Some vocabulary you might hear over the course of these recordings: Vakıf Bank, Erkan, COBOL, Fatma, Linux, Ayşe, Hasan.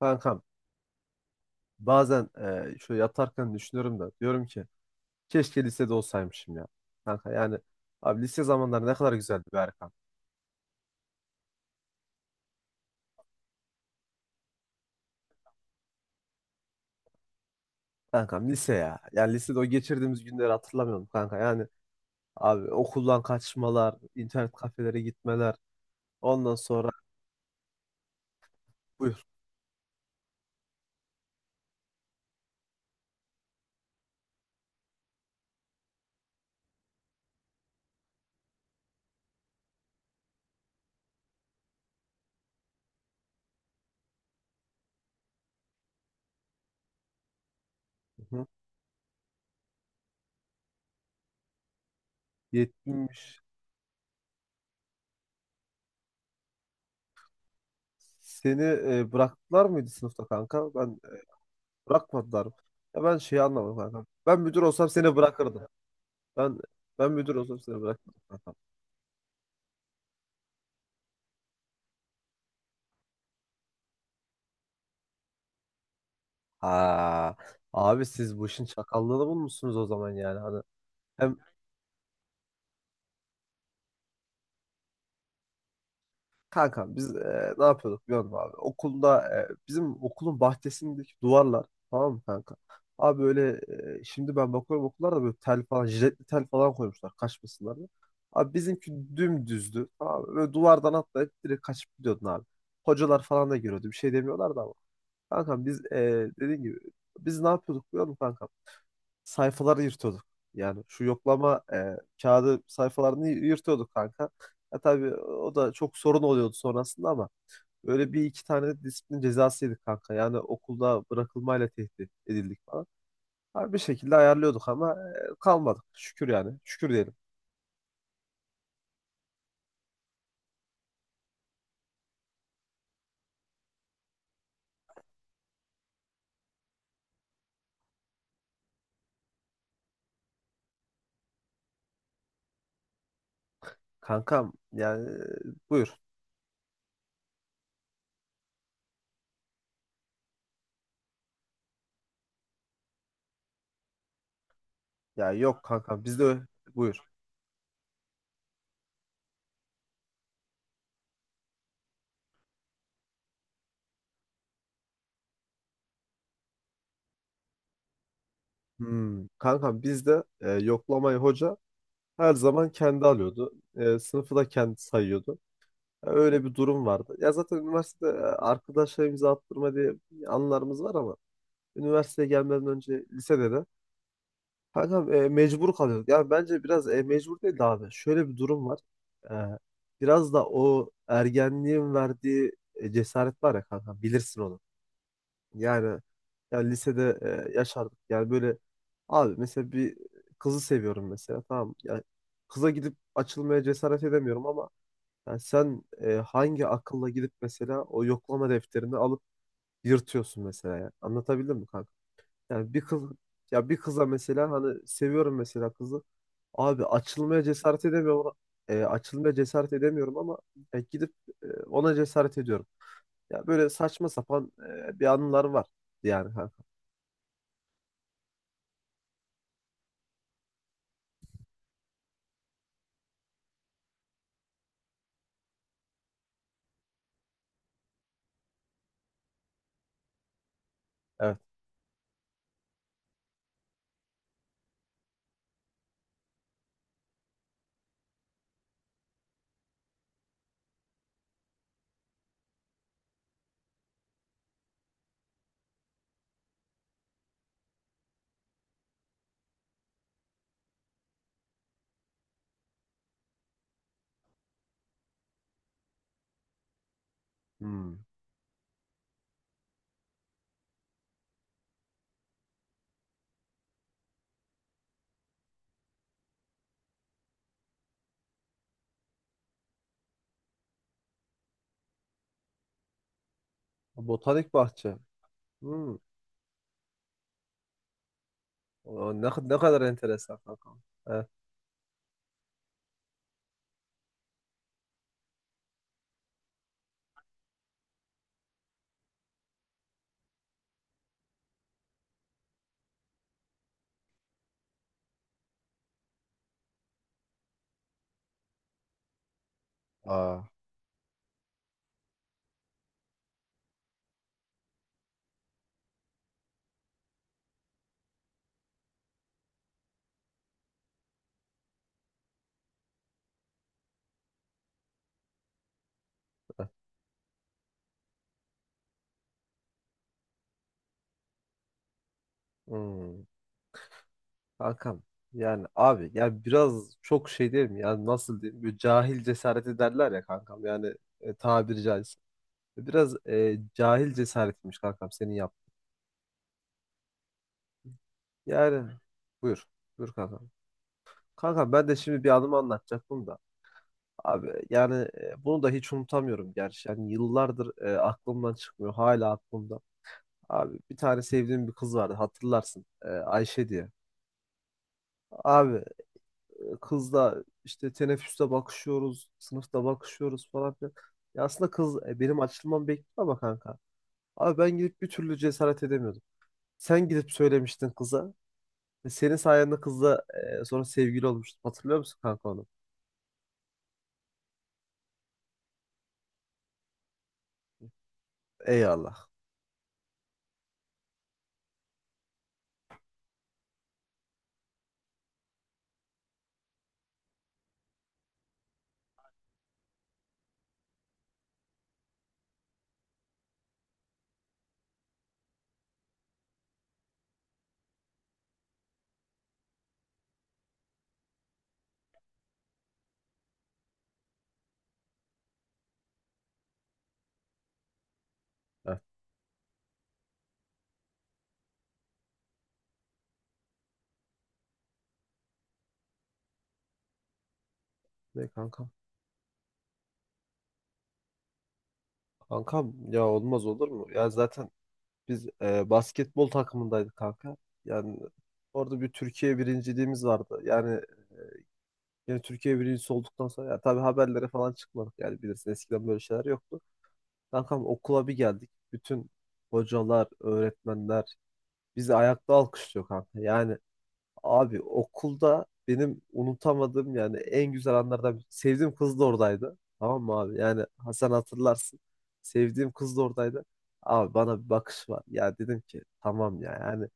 Kankam bazen şöyle yatarken düşünüyorum da diyorum ki keşke lisede olsaymışım ya. Kanka yani abi lise zamanları ne kadar güzeldi be Erkan. Kankam lise ya. Yani lisede o geçirdiğimiz günleri hatırlamıyorum kanka. Yani abi okuldan kaçmalar, internet kafelere gitmeler. Ondan sonra buyur. Hı hı. 70. Seni bıraktılar mıydı sınıfta kanka? Ben bırakmadılar. Ya ben şeyi anlamadım kanka. Ben müdür olsam seni bırakırdım. Ben ben müdür olsam seni bırakırdım, kanka. Ha, abi siz bu işin çakallığını bulmuşsunuz o zaman yani. Hani hem kanka biz ne yapıyorduk biliyor musun abi? Okulda bizim okulun bahçesindeki duvarlar, tamam mı kanka? Abi öyle, şimdi ben bakıyorum okullarda böyle tel falan, jiletli tel falan koymuşlar kaçmasınlar diye. Abi bizimki dümdüzdü. Tamam mı? Böyle duvardan atlayıp direkt kaçıp gidiyordun abi. Hocalar falan da görüyordu. Bir şey demiyorlardı ama. Kankam biz, dediğin gibi biz ne yapıyorduk biliyor musun kankam? Sayfaları yırtıyorduk. Yani şu yoklama kağıdı sayfalarını yırtıyorduk kanka. Ya tabii o da çok sorun oluyordu sonrasında ama öyle bir iki tane de disiplin cezası yedik kanka. Yani okulda bırakılmayla tehdit edildik falan. Her bir şekilde ayarlıyorduk ama kalmadık. Şükür yani. Şükür diyelim. Kankam yani buyur. Ya yok kankam, bizde buyur. Hmm, kankam bizde yoklamayı hoca her zaman kendi alıyordu. Sınıfı da kendi sayıyordu. Hani öyle bir durum vardı. Ya zaten üniversitede arkadaşlarımıza attırma diye anılarımız var ama üniversiteye gelmeden önce lisede de kankam mecbur kalıyorduk. Yani bence biraz, mecbur değil de abi. Şöyle bir durum var. E, Biraz da o ergenliğin verdiği cesaret var ya kankam, bilirsin onu. Yani yani lisede yaşardık. Yani böyle abi, mesela bir kızı seviyorum mesela, tamam mı? Yani kıza gidip açılmaya cesaret edemiyorum ama yani sen hangi akılla gidip mesela o yoklama defterini alıp yırtıyorsun mesela ya. Anlatabildim mi kanka? Yani bir kız, ya bir kıza mesela, hani seviyorum mesela kızı. Abi açılmaya cesaret edemiyorum. Açılmaya cesaret edemiyorum ama gidip ona cesaret ediyorum. Ya böyle saçma sapan bir anılar var yani kanka. Evet. Hmm. Botanik bahçe. Hmm. O, ne, ne kadar enteresan kanka. Evet. Aa. Evet. Hmm. Hakan, yani abi ya biraz çok şey değil mi? Yani nasıl diyeyim? Böyle cahil cesareti derler ya kankam. Yani tabiri caizse. Biraz cahil cesaretmiş kankam senin yaptığın. Yani buyur. Buyur kankam. Kankam ben de şimdi bir anımı anlatacaktım da. Abi yani bunu da hiç unutamıyorum gerçi. Yani yıllardır aklımdan çıkmıyor. Hala aklımda. Abi bir tane sevdiğim bir kız vardı, hatırlarsın. Ayşe diye. Abi kızla işte teneffüste bakışıyoruz, sınıfta bakışıyoruz falan filan. Ya aslında kız benim açılmamı bekliyor ama kanka. Abi ben gidip bir türlü cesaret edemiyordum. Sen gidip söylemiştin kıza. Ve senin sayende kızla sonra sevgili olmuştum. Hatırlıyor musun kanka onu? Eyvallah. Evet. Ne kanka? Kankam ya olmaz olur mu? Ya zaten biz basketbol takımındaydık kanka. Yani orada bir Türkiye birinciliğimiz vardı. Yani, yani Türkiye birincisi olduktan sonra ya tabii haberlere falan çıkmadık yani, bilirsin eskiden böyle şeyler yoktu. Kankam okula bir geldik. Bütün hocalar, öğretmenler bizi ayakta alkışlıyor kanka. Yani abi okulda benim unutamadığım yani en güzel anlardan sevdiğim kız da oradaydı. Tamam mı abi? Yani Hasan, hatırlarsın. Sevdiğim kız da oradaydı. Abi bana bir bakış var. Ya dedim ki tamam ya, yani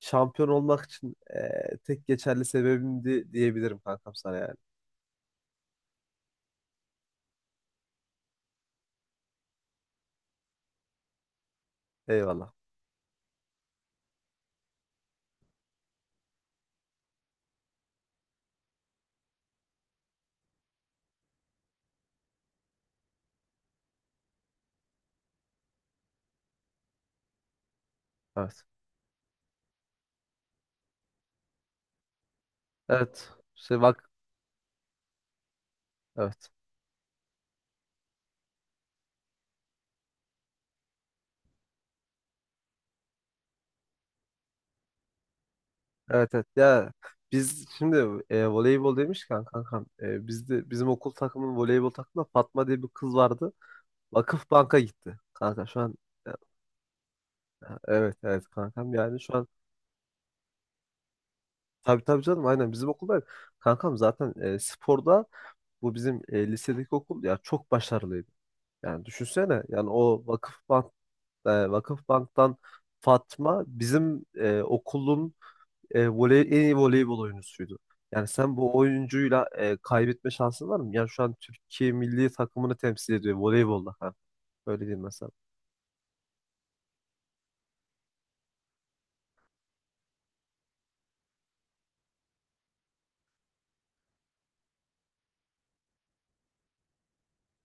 şampiyon olmak için tek geçerli sebebimdi diyebilirim kankam sana yani. Eyvallah. Evet. Evet. Şey bak. Evet. Evet, evet. Ya biz şimdi voleybol demişken kankam, bizde bizim okul takımının voleybol takımında Fatma diye bir kız vardı. Vakıf Bank'a gitti. Kanka şu an e, evet, evet kankam, yani şu an, tabii tabii canım, aynen bizim okulda kankam zaten sporda bu bizim lisedeki okul ya çok başarılıydı. Yani düşünsene yani o Vakıf Bank, Vakıf Bank'tan Fatma bizim okulun en iyi voleybol oyuncusuydu. Yani sen bu oyuncuyla kaybetme şansın var mı? Yani şu an Türkiye milli takımını temsil ediyor voleybolda. Ha. Öyle diyeyim mesela.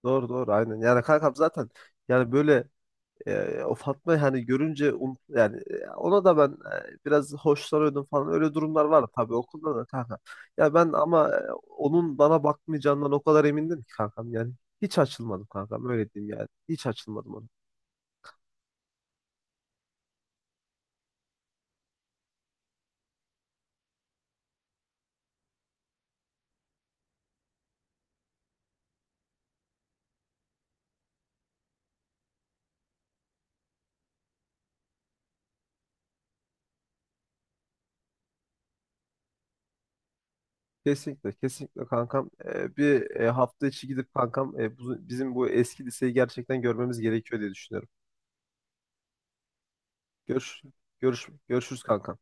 Doğru, doğru, aynen. Yani kankam zaten yani böyle o Fatma'yı hani görünce yani ona da ben biraz hoşlanıyordum falan, öyle durumlar var tabii okulda da kanka. Ya ben ama onun bana bakmayacağından o kadar emindim ki kankam yani hiç açılmadım kankam, öyle diyeyim yani. Hiç açılmadım. Kesinlikle, kesinlikle kankam. Bir hafta içi gidip kankam, bizim bu eski liseyi gerçekten görmemiz gerekiyor diye düşünüyorum. Görüş, görüşürüz kankam.